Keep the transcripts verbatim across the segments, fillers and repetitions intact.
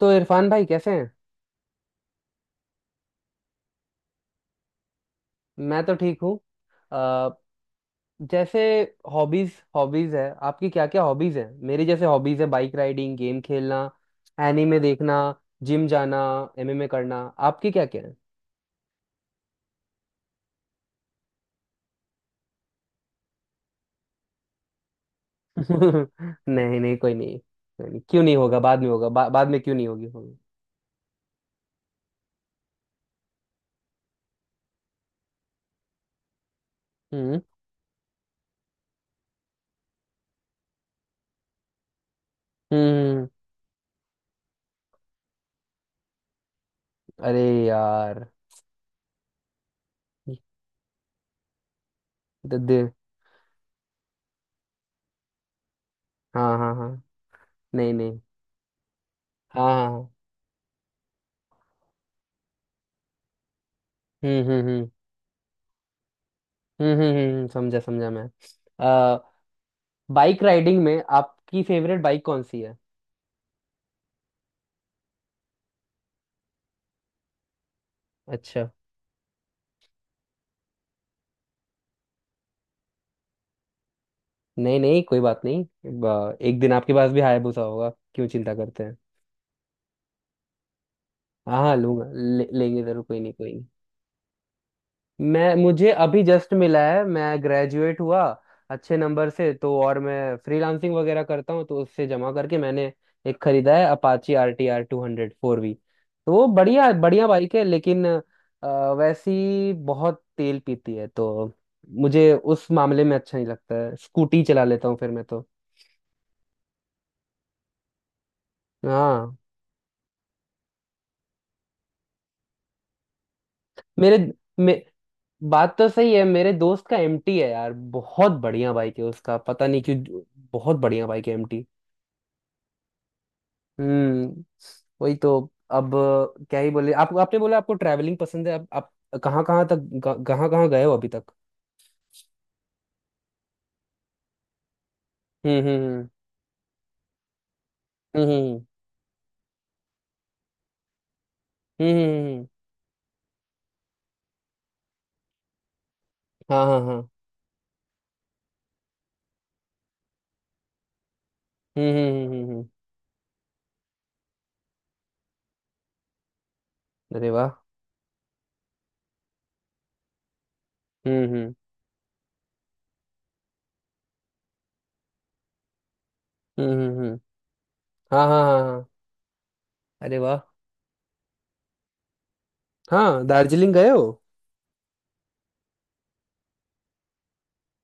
तो इरफान भाई कैसे हैं। मैं तो ठीक हूँ। अ, जैसे हॉबीज, हॉबीज है आपकी क्या क्या हॉबीज है। मेरी जैसे हॉबीज है बाइक राइडिंग, गेम खेलना, एनीमे देखना, जिम जाना, एमएमए करना। आपकी क्या क्या है। नहीं नहीं, कोई नहीं कोई नहीं, क्यों नहीं होगा, बाद में होगा, बा, बाद में क्यों नहीं, होगी होगी। हम्म हम्म। अरे यार। दे, दे, हाँ हाँ हाँ। नहीं नहीं। हाँ हाँ हाँ। हम्म हम्म हम्म हम्म हम्म हम्म, समझा समझा मैं। बाइक राइडिंग में आपकी फेवरेट बाइक कौन सी है। अच्छा। नहीं नहीं, कोई बात नहीं। ब- एक दिन आपके पास भी हायाबुसा होगा, क्यों चिंता करते हैं। हाँ हाँ, लूंगा, ले, लेंगे जरूर, कोई नहीं कोई। मैं मुझे अभी जस्ट मिला है, मैं ग्रेजुएट हुआ अच्छे नंबर से, तो और मैं फ्रीलांसिंग वगैरह करता हूँ, तो उससे जमा करके मैंने एक खरीदा है, Apache R T R two hundred four V. तो वो बढ़िया बढ़िया बाइक है लेकिन अ, वैसी बहुत तेल पीती है, तो मुझे उस मामले में अच्छा नहीं लगता है, स्कूटी चला लेता हूँ फिर मैं तो। हाँ। मेरे मे, बात तो सही है, मेरे दोस्त का एमटी है यार, बहुत बढ़िया बाइक है उसका, पता नहीं क्यों बहुत बढ़िया बाइक है एमटी। हम्म। वही तो। अब क्या ही बोले, आपको आपने बोला आपको ट्रैवलिंग पसंद है, आप, आप कहाँ कहाँ तक, कहाँ कहाँ गए हो अभी तक। हम्म हम्म हम्म हम्म हम्म हम्म, हम्म। हाँ हाँ हाँ। हम्म हम्म हम्म हम्म, हम्म। अरे वाह। हम्म हम्म हम्म हम्म हम्म, हाँ हाँ हाँ हाँ। अरे वाह। हाँ, दार्जिलिंग गए हो।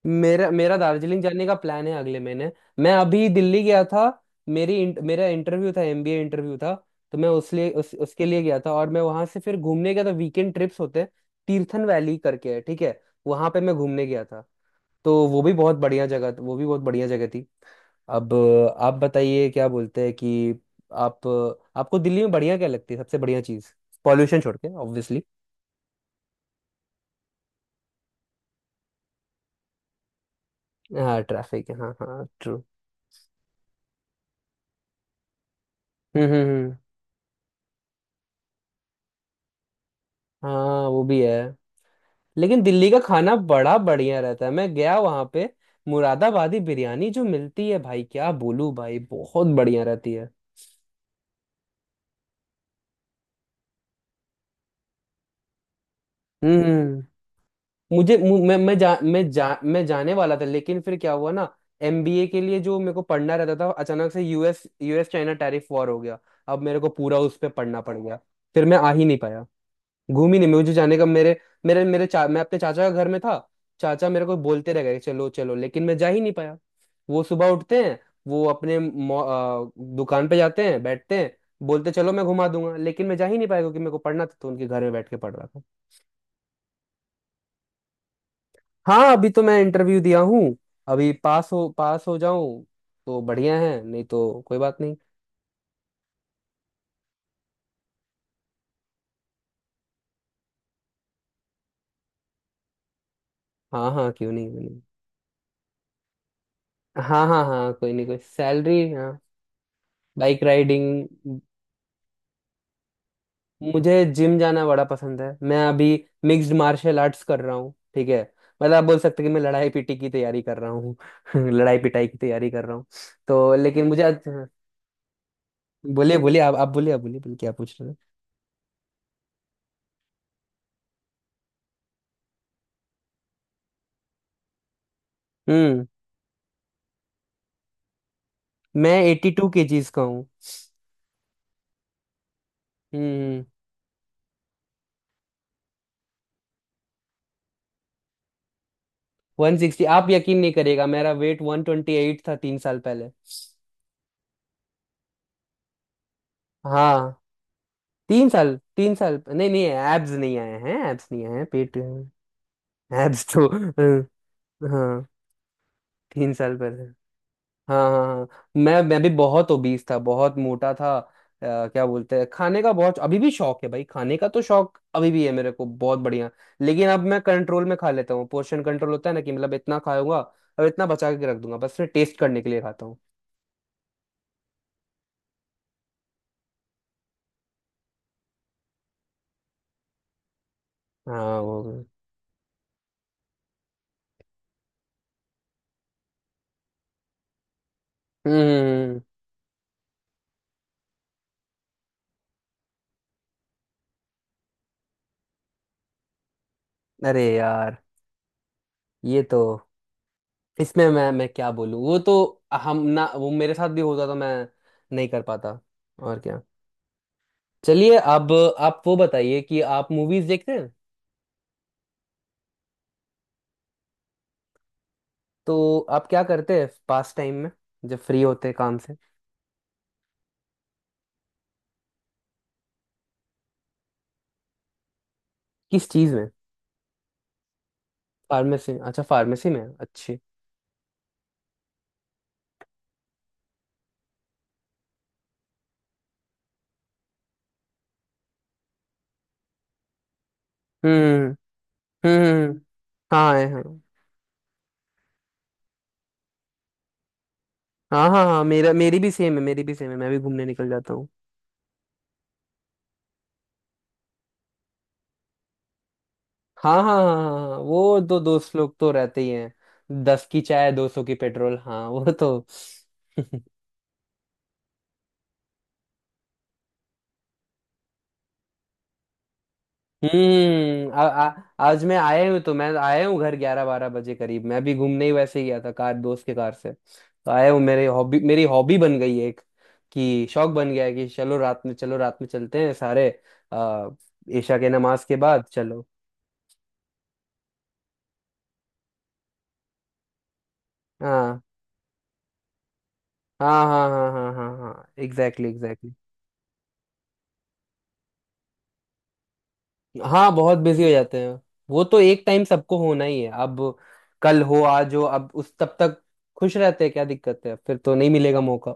मेरा, मेरा दार्जिलिंग जाने का प्लान है अगले महीने। मैं अभी दिल्ली गया था, मेरी इंट, मेरा इंटरव्यू था, एमबीए इंटरव्यू था। तो मैं उस लिए, उस, उसके लिए गया था, और मैं वहां से फिर घूमने गया था, वीकेंड ट्रिप्स होते हैं, तीर्थन वैली करके है ठीक है, वहां पे मैं घूमने गया था। तो वो भी बहुत बढ़िया जगह, वो भी बहुत बढ़िया जगह थी। अब अ, आप बताइए, क्या बोलते हैं कि आप, आपको दिल्ली में बढ़िया क्या लगती है सबसे बढ़िया चीज, पॉल्यूशन छोड़ के ऑब्वियसली। हाँ ट्रैफिक है, हाँ हाँ ट्रू। हम्म हम्म हम्म, हाँ वो भी है। लेकिन दिल्ली का खाना बड़ा बढ़िया रहता है, मैं गया वहां पे। मुरादाबादी बिरयानी जो मिलती है भाई, क्या बोलूं भाई, बहुत बढ़िया रहती है। हम्म। मुझे मु- मैं मैं जा, मैं जा, मैं जाने वाला था, लेकिन फिर क्या हुआ ना, एमबीए के लिए जो मेरे को पढ़ना रहता था, अचानक से US US China tariff war हो गया, अब मेरे को पूरा उस पर पढ़ना पड़ गया, फिर मैं आ ही नहीं पाया, घूमी नहीं, मुझे जाने का। मेरे मेरे मेरे चा, मैं अपने चाचा के घर में था, चाचा मेरे को बोलते रह गए चलो चलो, लेकिन मैं जा ही नहीं पाया। वो सुबह उठते हैं, वो अपने मॉ- अ, दुकान पे जाते हैं, बैठते हैं, बोलते चलो मैं घुमा दूंगा, लेकिन मैं जा ही नहीं पाया, क्योंकि मेरे को पढ़ना था, तो उनके घर में बैठ के पढ़ रहा था। हाँ, अभी तो मैं इंटरव्यू दिया हूँ, अभी पास हो पास हो जाऊं तो बढ़िया है, नहीं तो कोई बात नहीं। हाँ हाँ, क्यों नहीं क्यों नहीं। हाँ हाँ हाँ, कोई नहीं कोई, सैलरी हाँ। Bike riding. मुझे जिम जाना बड़ा पसंद है, मैं अभी मिक्स्ड मार्शल आर्ट्स कर रहा हूँ ठीक है। मतलब आप बोल सकते हैं कि मैं लड़ाई पिटी की तैयारी कर रहा हूँ, लड़ाई पिटाई की तैयारी कर रहा हूँ। तो लेकिन मुझे अच्छा-। बोलिए बोलिए, आप आप बोलिए, आप बोलिए बोलिए, क्या पूछ रहे हैं। हम्म। मैं एट्टी टू केजीज का हूँ। हम्म। वन सिक्सटी, आप यकीन नहीं करेगा, मेरा वेट वन ट्वेंटी एट था तीन साल पहले। हाँ। तीन साल, तीन साल, नहीं नहीं एब्स नहीं आए हैं, एब्स नहीं आए हैं, पेट। एब्स तो अ, हाँ, तीन साल पहले। हाँ हाँ हाँ। मैं मैं भी बहुत ओबीस था, बहुत मोटा था। अ, क्या बोलते हैं, खाने का बहुत अभी भी शौक है भाई, खाने का तो शौक अभी भी है मेरे को बहुत बढ़िया। लेकिन अब मैं कंट्रोल में खा लेता हूँ, पोर्शन कंट्रोल होता है ना, कि मतलब इतना खाऊंगा और इतना बचा के रख दूंगा, बस फिर टेस्ट करने के लिए खाता हूँ। हाँ वो भी। हम्म। अरे यार, ये तो, इसमें मैं मैं क्या बोलूँ, वो तो, हम ना, वो मेरे साथ भी होता तो मैं नहीं कर पाता। और क्या। चलिए अब आप वो बताइए कि आप मूवीज देखते हैं। तो आप क्या करते हैं पास टाइम में, जब फ्री होते हैं काम से। किस चीज में। फार्मेसी, अच्छा फार्मेसी में अच्छी। हम्म हम्म हम्म, हाँ है हाँ। हाँ हाँ हाँ मेरा, मेरी भी सेम है, मेरी भी सेम है, मैं भी घूमने निकल जाता हूँ। हाँ हाँ हाँ हाँ हाँ, वो तो दोस्त लोग तो रहते ही हैं, दस की चाय, दो सौ की पेट्रोल, हाँ वो तो। हम्म। आ, आ, आज मैं आया हूँ, तो मैं आया हूँ घर ग्यारह बारह बजे करीब, मैं अभी घूमने ही वैसे ही गया था, कार दोस्त के कार से तो आया हूँ। मेरे हॉबी मेरी हॉबी बन गई है एक, कि शौक बन गया है कि चलो रात में, चलो रात में चलते हैं सारे, आ, ईशा के नमाज के बाद चलो। हाँ हाँ हाँ हाँ हाँ हाँ हाँ, एग्जैक्टली एग्जैक्टली। हाँ बहुत बिजी हो जाते हैं, वो तो एक टाइम सबको होना ही है अब, कल हो आज हो, अब उस तब तक खुश रहते हैं, क्या दिक्कत है, फिर तो नहीं मिलेगा मौका।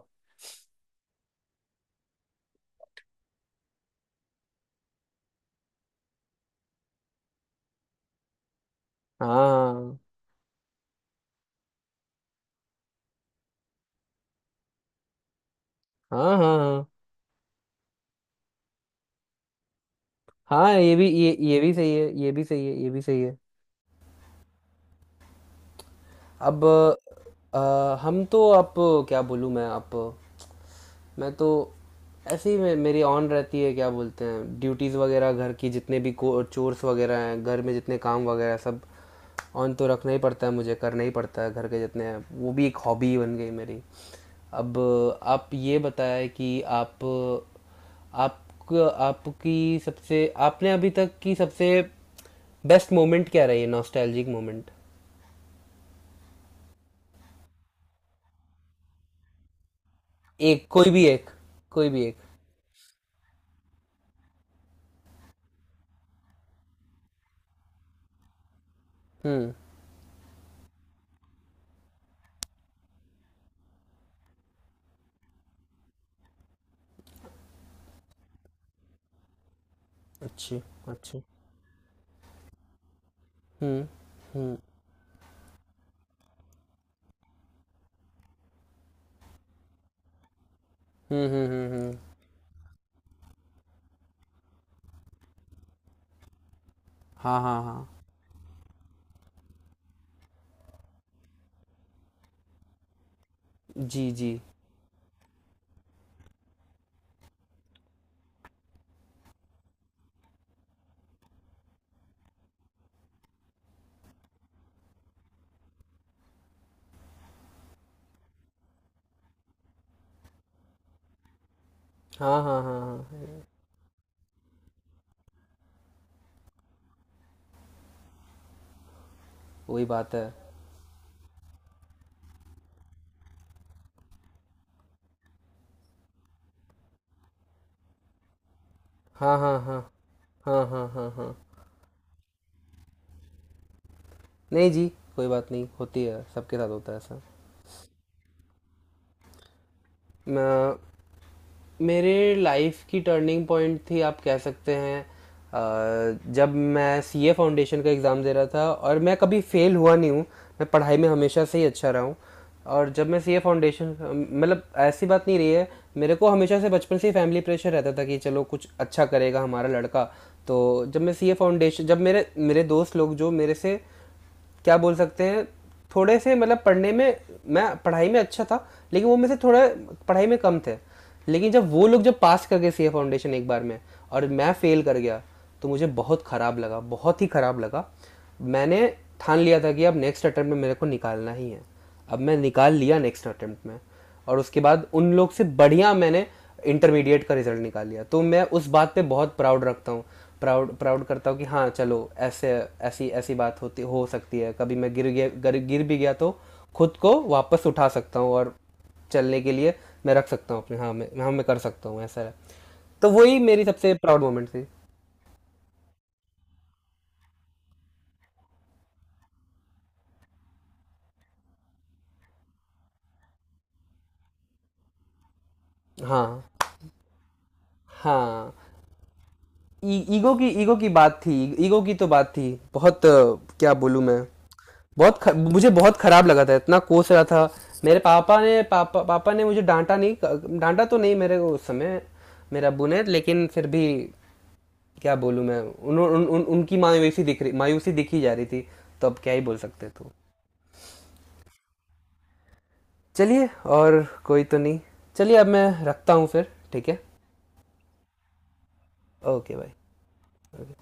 हाँ हाँ हाँ हाँ हाँ, ये भी, ये ये भी सही है, ये भी सही है, ये भी सही है। अब अ, हम तो, आप क्या बोलूँ, मैं आप, मैं तो ऐसे ही मे- मेरी ऑन रहती है, क्या बोलते हैं, ड्यूटीज़ वगैरह घर की, जितने भी को चोर्स वगैरह हैं घर में, जितने काम वगैरह हैं, सब ऑन तो रखना ही पड़ता है, मुझे करना ही पड़ता है घर के जितने हैं, वो भी एक हॉबी बन गई मेरी। अब आप ये बताएं कि आप, आप आपकी सबसे, आपने अभी तक की सबसे बेस्ट मोमेंट क्या रही है, नॉस्टैल्जिक मोमेंट। एक कोई भी एक, कोई भी एक। हम्म। अच्छी, अच्छी। हम्म हम्म हम्म हम्म हम्म हम्म। हाँ हाँ हाँ। जी जी। हाँ हाँ हाँ हाँ। वही बात है। हाँ हाँ हाँ हाँ हाँ हाँ हाँ। नहीं जी, कोई बात नहीं, होती है सबके साथ होता है ऐसा। मैं मेरे लाइफ की टर्निंग पॉइंट थी आप कह सकते हैं, अ, जब मैं सीए फाउंडेशन का एग्ज़ाम दे रहा था, और मैं कभी फेल हुआ नहीं हूँ, मैं पढ़ाई में हमेशा से ही अच्छा रहा हूँ। और जब मैं सीए फाउंडेशन, मतलब ऐसी बात नहीं रही है, मेरे को हमेशा से बचपन से ही फैमिली प्रेशर रहता था कि चलो कुछ अच्छा करेगा हमारा लड़का। तो जब मैं सीए फाउंडेशन, जब मेरे मेरे दोस्त लोग, जो मेरे से क्या बोल सकते हैं, थोड़े से मतलब पढ़ने में, मैं पढ़ाई में अच्छा था लेकिन वो मेरे से थोड़ा पढ़ाई में कम थे, लेकिन जब वो लोग जब पास कर गए सी ए फाउंडेशन एक बार में, और मैं फेल कर गया, तो मुझे बहुत ख़राब लगा, बहुत ही ख़राब लगा। मैंने ठान लिया था कि अब नेक्स्ट अटेम्प्ट में मेरे को निकालना ही है, अब मैं निकाल लिया नेक्स्ट अटेम्प्ट में, और उसके बाद उन लोग से बढ़िया मैंने इंटरमीडिएट का रिजल्ट निकाल लिया, तो मैं उस बात पे बहुत प्राउड रखता हूँ, प्राउड प्राउड करता हूँ कि हाँ चलो, ऐसे ऐसी ऐसी बात होती, हो सकती है कभी मैं गिर गया, गिर, गिर भी गया तो खुद को वापस उठा सकता हूँ, और चलने के लिए मैं रख सकता हूँ अपने, हाँ मैं, हाँ मैं कर सकता हूँ ऐसा है। तो वही मेरी सबसे प्राउड मोमेंट थी। हाँ हाँ। ई- ईगो की ईगो की बात थी, ईगो की तो बात थी। बहुत अ, क्या बोलूं मैं, बहुत ख, मुझे बहुत खराब लगा था, इतना कोस रहा था। मेरे पापा ने पापा पापा ने मुझे डांटा नहीं, डांटा तो नहीं मेरे को उस समय मेरे अब्बू ने, लेकिन फिर भी, क्या बोलूं मैं, उन, उन, उन, उनकी मायूसी दिख रही मायूसी दिखी जा रही थी, तो अब क्या ही बोल सकते तो। चलिए, और कोई तो नहीं, चलिए अब मैं रखता हूँ फिर, ठीक है। ओके भाई।